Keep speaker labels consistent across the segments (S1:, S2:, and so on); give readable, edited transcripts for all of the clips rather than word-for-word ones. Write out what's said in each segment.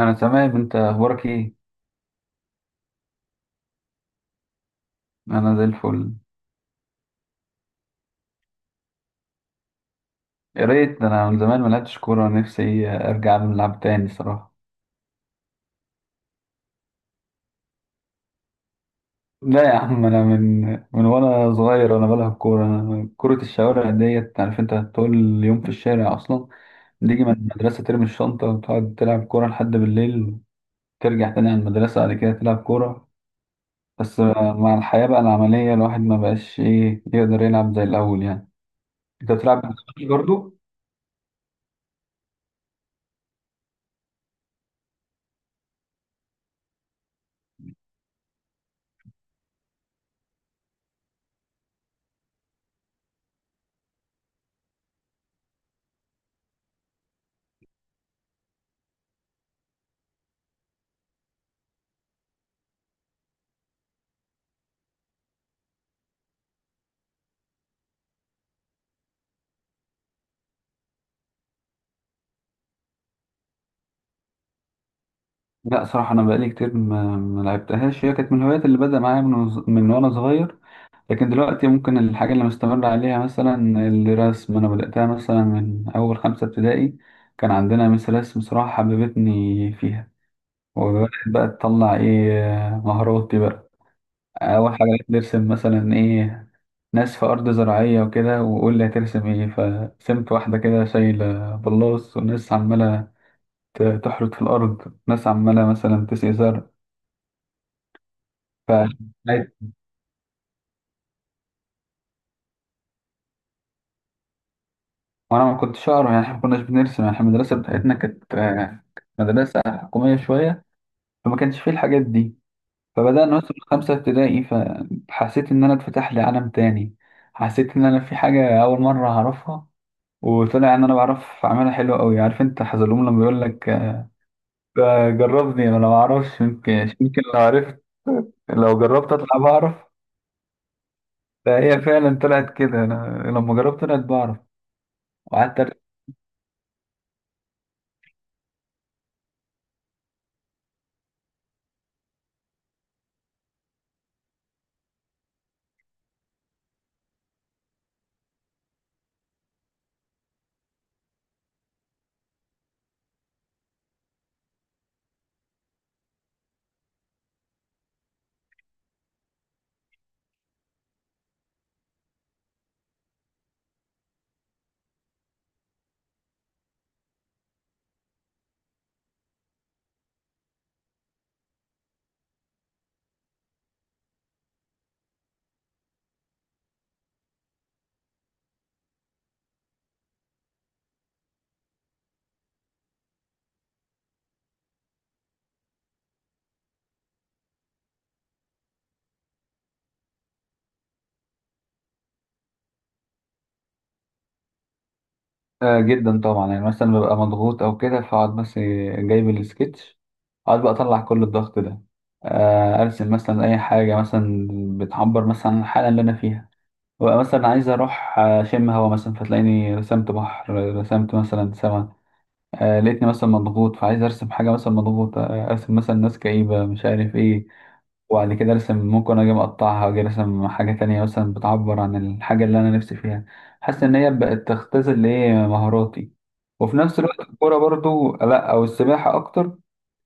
S1: انا تمام. انت اخبارك ايه؟ انا زي الفل. يا ريت، ده انا من زمان ما لعبتش كوره. نفسي ارجع نلعب تاني صراحه. لا يا عم، انا من وانا صغير وانا بلعب كوره. أنا كره الشوارع ديت، عارف انت، طول اليوم في الشارع اصلا. تيجي من المدرسه ترمي الشنطه وتقعد تلعب كوره لحد بالليل، ترجع تاني على المدرسه، بعد كده تلعب كوره. بس مع الحياه بقى العمليه، الواحد ما بقاش ايه يقدر يلعب زي الاول يعني. انت بتلعب برضه؟ لا صراحة أنا بقالي كتير ما لعبتهاش. هي كانت من الهوايات اللي بدأ معايا من وأنا صغير. لكن دلوقتي ممكن الحاجة اللي مستمر عليها مثلا الرسم. أنا بدأتها مثلا من أول خمسة ابتدائي. كان عندنا مس رسم صراحة حببتني فيها، وبدأت بقى تطلع إيه، مهاراتي بقى. أول حاجة بقيت نرسم مثلا إيه؟ ناس في أرض زراعية وكده، وقول لي هترسم إيه، فرسمت واحدة كده شايلة بلاص وناس عمالة تحرث في الأرض، ناس عمالة مثلا تسقي زرع. ف وانا ما كنتش اقرا يعني، احنا ما كناش بنرسم يعني. احنا المدرسه بتاعتنا كانت مدرسه حكوميه شويه، فما كانش فيه الحاجات دي. فبدانا نوصل خمسه ابتدائي، فحسيت ان انا اتفتح لي عالم تاني. حسيت ان انا في حاجه اول مره هعرفها، وطلع ان انا بعرف اعملها حلوه قوي. عارف انت حزلوم لما بيقول لك: آه، جربني، انا ما اعرفش، يمكن يمكن لو عرفت، لو جربت اطلع بعرف. فهي فعلا طلعت كده، انا لما جربت طلعت بعرف وقعدت. آه جدا طبعا، يعني مثلا ببقى مضغوط او كده فاقعد بس جايب السكتش، اقعد بقى اطلع كل الضغط ده. ارسم مثلا اي حاجه مثلا بتعبر مثلا عن الحاله اللي انا فيها. ببقى مثلا عايز اروح اشم هوا مثلا، فتلاقيني رسمت بحر، رسمت مثلا سما. لقيتني مثلا مضغوط فعايز ارسم حاجه مثلا مضغوط، ارسم مثلا ناس كئيبه مش عارف ايه. وبعد كده ارسم، ممكن اجي مقطعها، اجي ارسم حاجة تانية مثلا بتعبر عن الحاجة اللي انا نفسي فيها. حاسس ان هي بقت تختزل لي مهاراتي. وفي نفس الوقت الكورة برضو، لا او السباحة اكتر،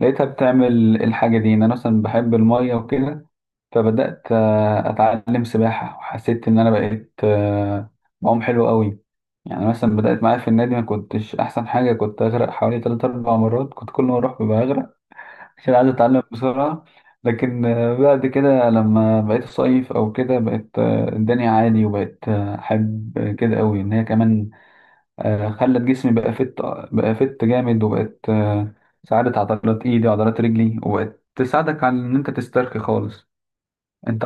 S1: لقيتها بتعمل الحاجة دي. ان انا مثلا بحب المية وكده، فبدأت اتعلم سباحة، وحسيت ان انا بقيت بعوم حلو قوي. يعني مثلا بدأت معايا في النادي ما كنتش احسن حاجة، كنت اغرق حوالي 3 4 مرات، كنت كل ما اروح ببقى اغرق عشان عايز اتعلم بسرعة. لكن بعد كده لما بقيت صيف او كده بقت الدنيا عادي، وبقت احب كده قوي ان هي كمان خلت جسمي بقى فت جامد، وبقت ساعدت عضلات ايدي وعضلات رجلي، وبقت تساعدك على ان انت تسترخي خالص انت.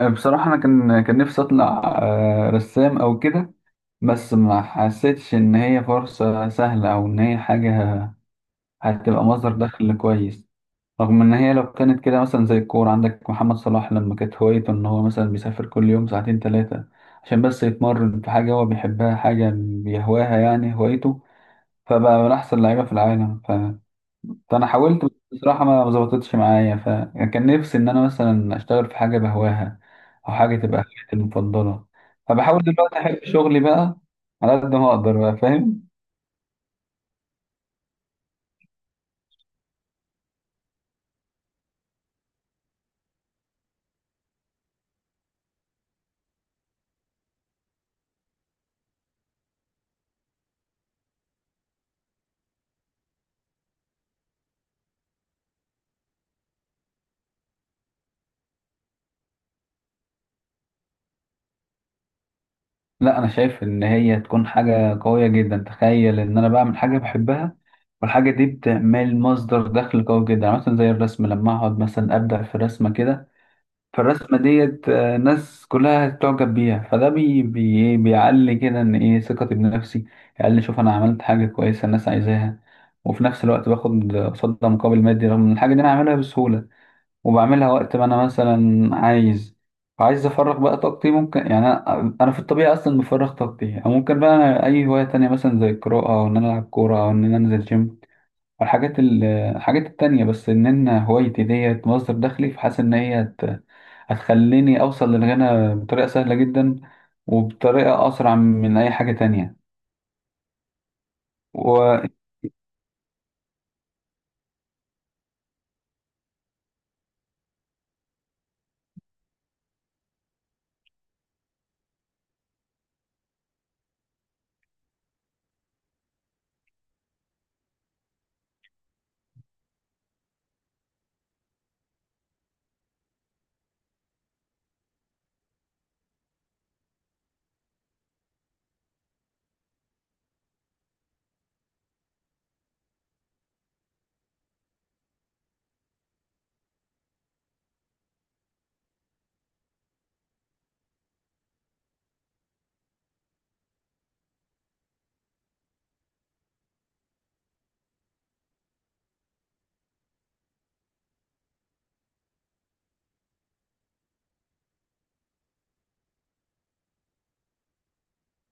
S1: بصراحة انا كان نفسي اطلع رسام او كده. بس ما حسيتش ان هي فرصة سهلة، او ان هي حاجة هتبقى مصدر دخل كويس. رغم ان هي لو كانت كده، مثلا زي الكورة عندك محمد صلاح، لما كانت هوايته ان هو مثلا بيسافر كل يوم ساعتين ثلاثة عشان بس يتمرن في حاجة هو بيحبها، حاجة بيهواها يعني هوايته، فبقى من احسن لعيبة في العالم فانا حاولت، بس بصراحة ما ظبطتش معايا. فكان نفسي ان انا مثلا اشتغل في حاجة بهواها، او حاجة تبقى هوايتي المفضلة، فبحاول دلوقتي احب شغلي بقى على قد ما اقدر بقى، فاهم؟ لا انا شايف ان هي تكون حاجه قويه جدا. تخيل ان انا بعمل حاجه بحبها والحاجه دي بتعمل مصدر دخل قوي جدا، يعني مثلا زي الرسم لما اقعد مثلا ابدع في رسمه كده، فالرسمه ديت ناس كلها تعجب بيها، فده بي بي إيه، بيعلي كده ان ايه ثقتي بنفسي. يعلي، شوف انا عملت حاجه كويسه الناس عايزاها، وفي نفس الوقت باخد قصادها مقابل مادي رغم ان الحاجه دي انا عاملها بسهوله، وبعملها وقت ما انا مثلا عايز افرغ بقى طاقتي. ممكن يعني انا في الطبيعه اصلا بفرغ طاقتي، او ممكن بقى أنا اي هوايه تانية مثلا زي القراءه، او ان انا العب كوره، او ان انا انزل جيم، والحاجات الحاجات التانية. بس ان انا هوايتي ديت مصدر دخلي، فحاسس ان هي هتخليني اوصل للغنى بطريقه سهله جدا، وبطريقه اسرع من اي حاجه تانية. وفي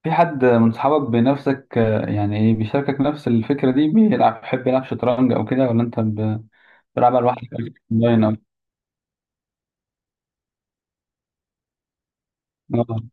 S1: حد من صحابك بنفسك يعني إيه، بيشاركك نفس الفكره دي، بيلعب بيحب يلعب شطرنج او كده، ولا انت تلعبها لوحدك اونلاين آه.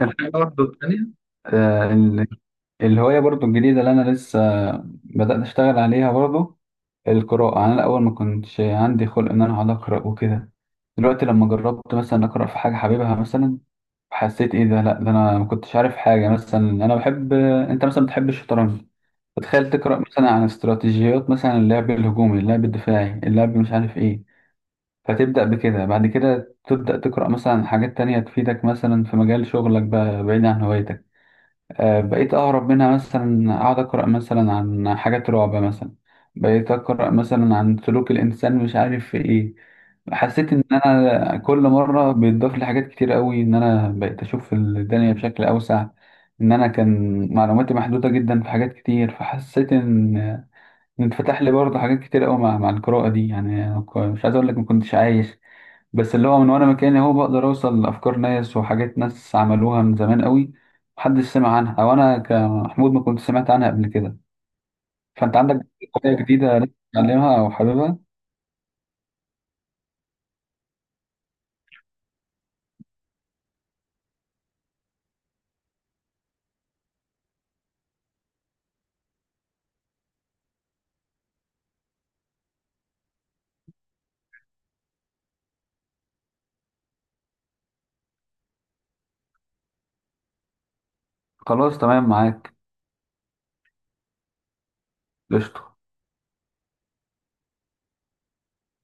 S1: الحاجة برضه التانية، آه، ال- الهواية برضه الجديدة اللي أنا لسه بدأت أشتغل عليها برضه، القراءة. يعني أنا الأول ما كنتش عندي خلق إن أنا أقعد أقرأ وكده. دلوقتي لما جربت مثلا أقرأ في حاجة حاببها مثلا، حسيت إيه ده، لأ ده أنا ما كنتش عارف حاجة مثلا. أنا بحب أنت مثلا بتحب الشطرنج، فتخيل تقرأ مثلا عن استراتيجيات مثلا اللعب الهجومي، اللعب الدفاعي، اللعب مش عارف إيه. فتبدأ بكده، بعد كده تبدأ تقرأ مثلا حاجات تانية تفيدك مثلا في مجال شغلك، بقى بعيد عن هوايتك. بقيت أهرب منها مثلا، أقعد أقرأ مثلا عن حاجات رعب مثلا، بقيت أقرأ مثلا عن سلوك الإنسان مش عارف في إيه. حسيت إن أنا كل مرة بيتضاف لي حاجات كتير قوي، إن أنا بقيت أشوف الدنيا بشكل أوسع. إن أنا كان معلوماتي محدودة جدا في حاجات كتير، فحسيت إن اتفتح لي برضه حاجات كتير قوي مع القراءة دي. يعني أنا مش عايز أقول لك ما كنتش عايش، بس اللي هو من وانا مكاني هو بقدر اوصل لافكار ناس وحاجات ناس عملوها من زمان قوي محدش سمع عنها، او انا كمحمود ما كنت سمعت عنها قبل كده. فانت عندك حاجه جديده لسه بتتعلمها او حاببها؟ خلاص، تمام معاك. قشطه.